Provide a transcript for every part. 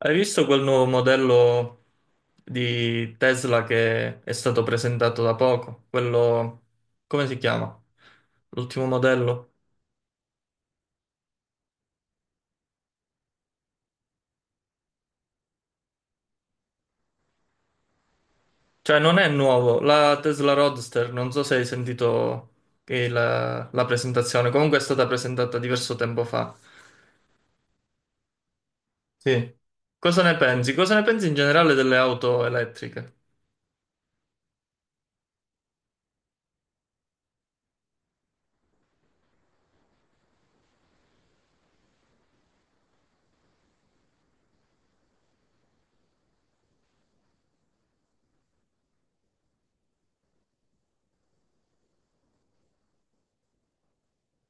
Hai visto quel nuovo modello di Tesla che è stato presentato da poco? Quello, come si chiama? L'ultimo modello? Cioè, non è nuovo, la Tesla Roadster, non so se hai sentito che la presentazione, comunque è stata presentata diverso tempo fa. Sì. Cosa ne pensi? Cosa ne pensi in generale delle auto elettriche?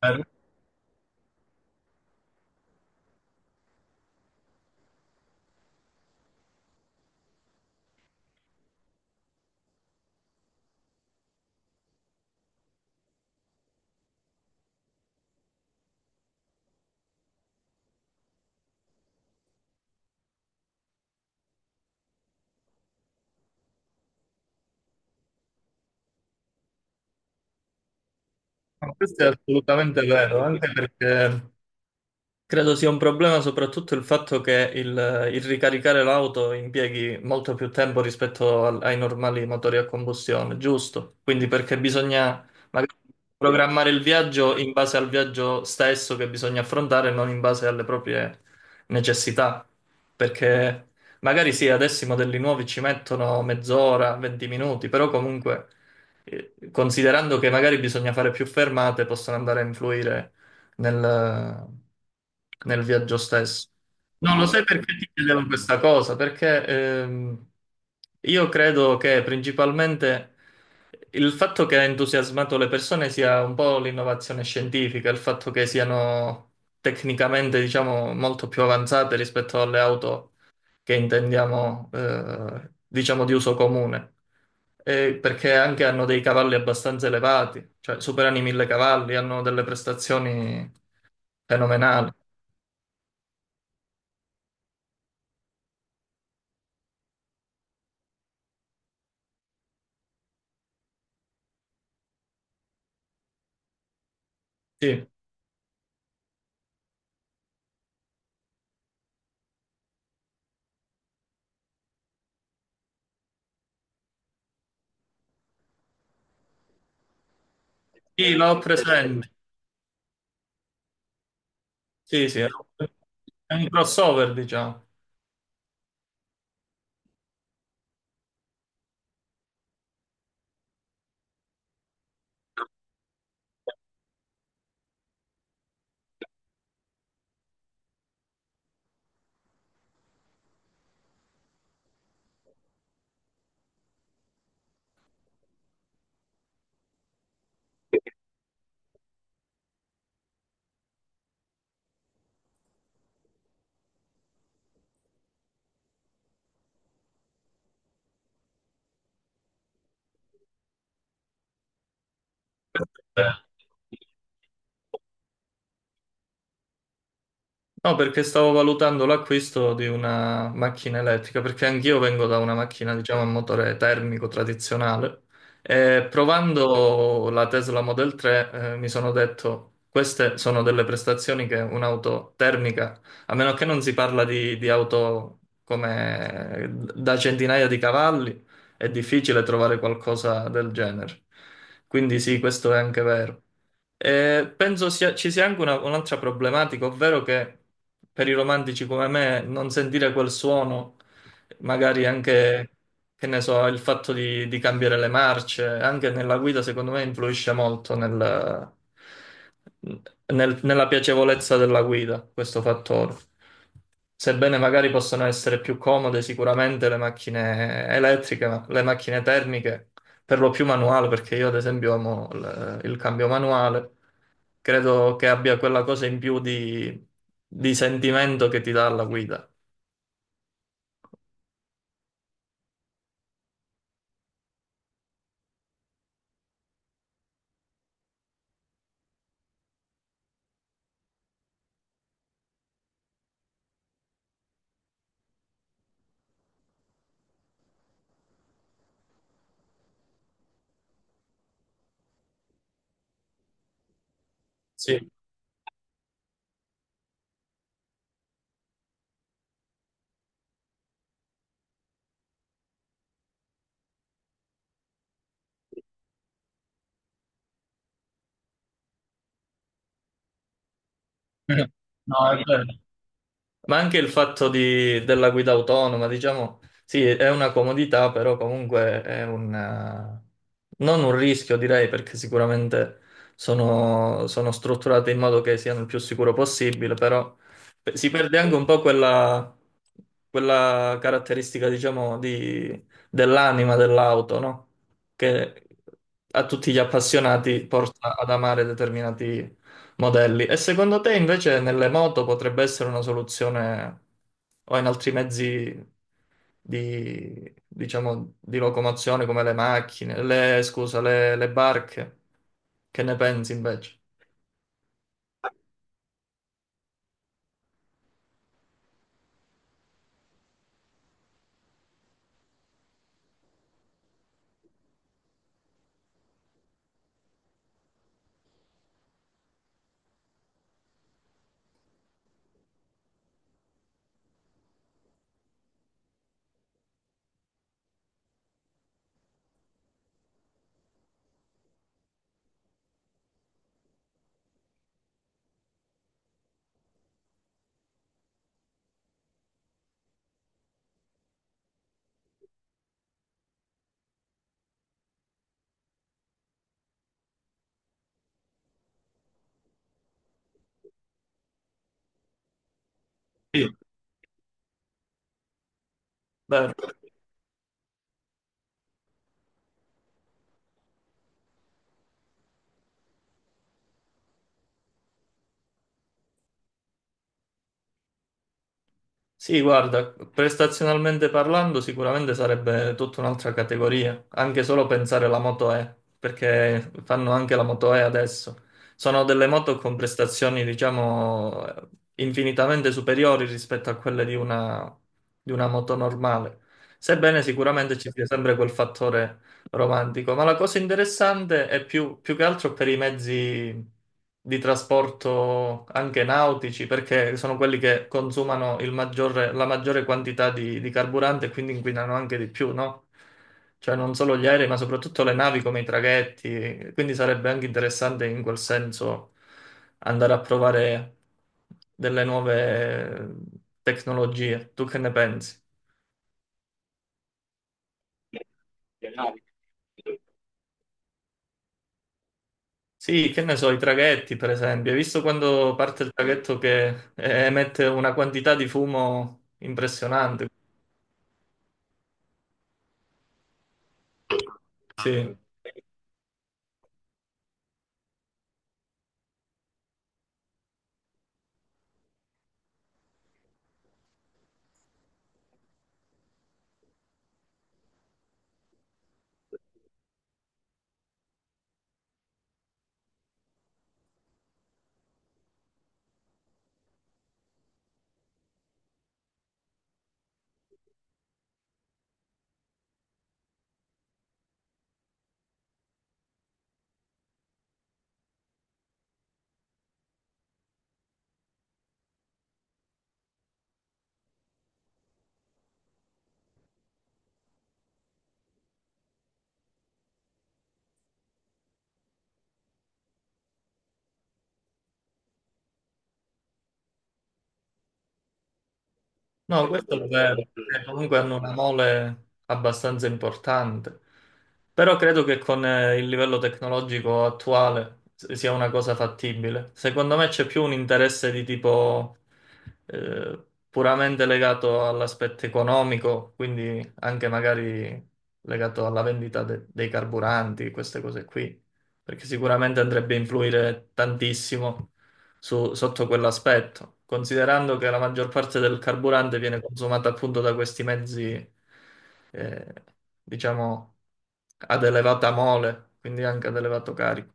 Eh, no, questo è assolutamente vero, anche perché credo sia un problema soprattutto il fatto che il ricaricare l'auto impieghi molto più tempo rispetto ai normali motori a combustione, giusto? Quindi perché bisogna magari programmare il viaggio in base al viaggio stesso che bisogna affrontare, non in base alle proprie necessità. Perché magari sì, adesso i modelli nuovi ci mettono mezz'ora, 20 minuti, però comunque considerando che magari bisogna fare più fermate, possono andare a influire nel, nel viaggio stesso. No, lo sai perché ti chiedevo questa cosa? Perché ehm, io credo che principalmente il fatto che ha entusiasmato le persone sia un po' l'innovazione scientifica, il fatto che siano tecnicamente, diciamo, molto più avanzate rispetto alle auto che intendiamo, diciamo, di uso comune. E perché anche hanno dei cavalli abbastanza elevati, cioè superano i 1000 cavalli, hanno delle prestazioni fenomenale. Sì, sì, l'ho presente. Sì, sì, è un crossover, diciamo. No, perché stavo valutando l'acquisto di una macchina elettrica, perché anch'io vengo da una macchina, diciamo, a motore termico tradizionale e provando la Tesla Model 3, mi sono detto, queste sono delle prestazioni che un'auto termica, a meno che non si parla di auto come da centinaia di cavalli, è difficile trovare qualcosa del genere. Quindi sì, questo è anche vero. Ci sia anche un'altra problematica, ovvero che per i romantici come me non sentire quel suono, magari anche, che ne so, il fatto di cambiare le marce, anche nella guida, secondo me influisce molto nella piacevolezza della guida, questo fattore. Sebbene magari possano essere più comode sicuramente le macchine elettriche, ma le macchine termiche, per lo più manuale, perché io ad esempio amo il cambio manuale credo che abbia quella cosa in più di sentimento che ti dà la guida. Sì. No, è vero. Ma anche il della guida autonoma, diciamo, sì, è una comodità, però comunque è un, non un rischio, direi, perché sicuramente sono strutturate in modo che siano il più sicuro possibile, però si perde anche un po' quella caratteristica, diciamo, dell'anima dell'auto, no? Che a tutti gli appassionati porta ad amare determinati modelli. E secondo te invece nelle moto potrebbe essere una soluzione o in altri mezzi di, diciamo, di locomozione come le macchine, le, scusa, le barche? Che ne pensi invece? Sì. Vero? Sì, guarda, prestazionalmente parlando, sicuramente sarebbe tutta un'altra categoria, anche solo pensare alla Moto E, perché fanno anche la Moto E adesso. Sono delle moto con prestazioni, diciamo, infinitamente superiori rispetto a quelle di una moto normale. Sebbene sicuramente ci sia sempre quel fattore romantico, ma la cosa interessante è più, più che altro per i mezzi di trasporto anche nautici, perché sono quelli che consumano la maggiore quantità di carburante e quindi inquinano anche di più, no? Cioè non solo gli aerei, ma soprattutto le navi come i traghetti, quindi sarebbe anche interessante in quel senso andare a provare delle nuove tecnologie. Tu che ne pensi? Sì, che ne so, i traghetti, per esempio. Hai visto quando parte il traghetto che emette una quantità di fumo impressionante? Sì. No, e questo è quello vero, è perché comunque hanno una mole abbastanza importante, però credo che con il livello tecnologico attuale sia una cosa fattibile. Secondo me c'è più un interesse di tipo puramente legato all'aspetto economico, quindi anche magari legato alla vendita dei carburanti, queste cose qui, perché sicuramente andrebbe a influire tantissimo sotto quell'aspetto, considerando che la maggior parte del carburante viene consumata appunto da questi mezzi, eh, diciamo, ad elevata mole, quindi anche ad elevato carico.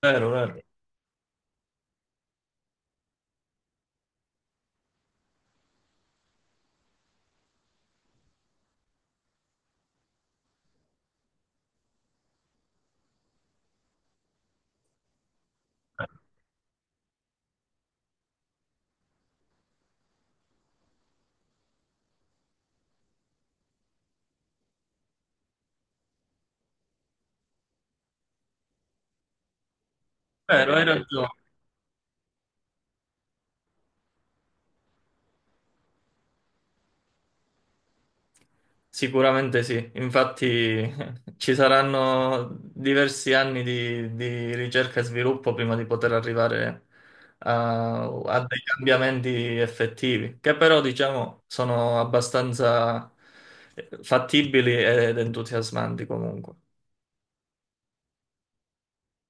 Vero, vero, vero, hai ragione. Sicuramente sì, infatti ci saranno diversi anni di ricerca e sviluppo prima di poter arrivare a, a dei cambiamenti effettivi, che però diciamo sono abbastanza fattibili ed entusiasmanti comunque.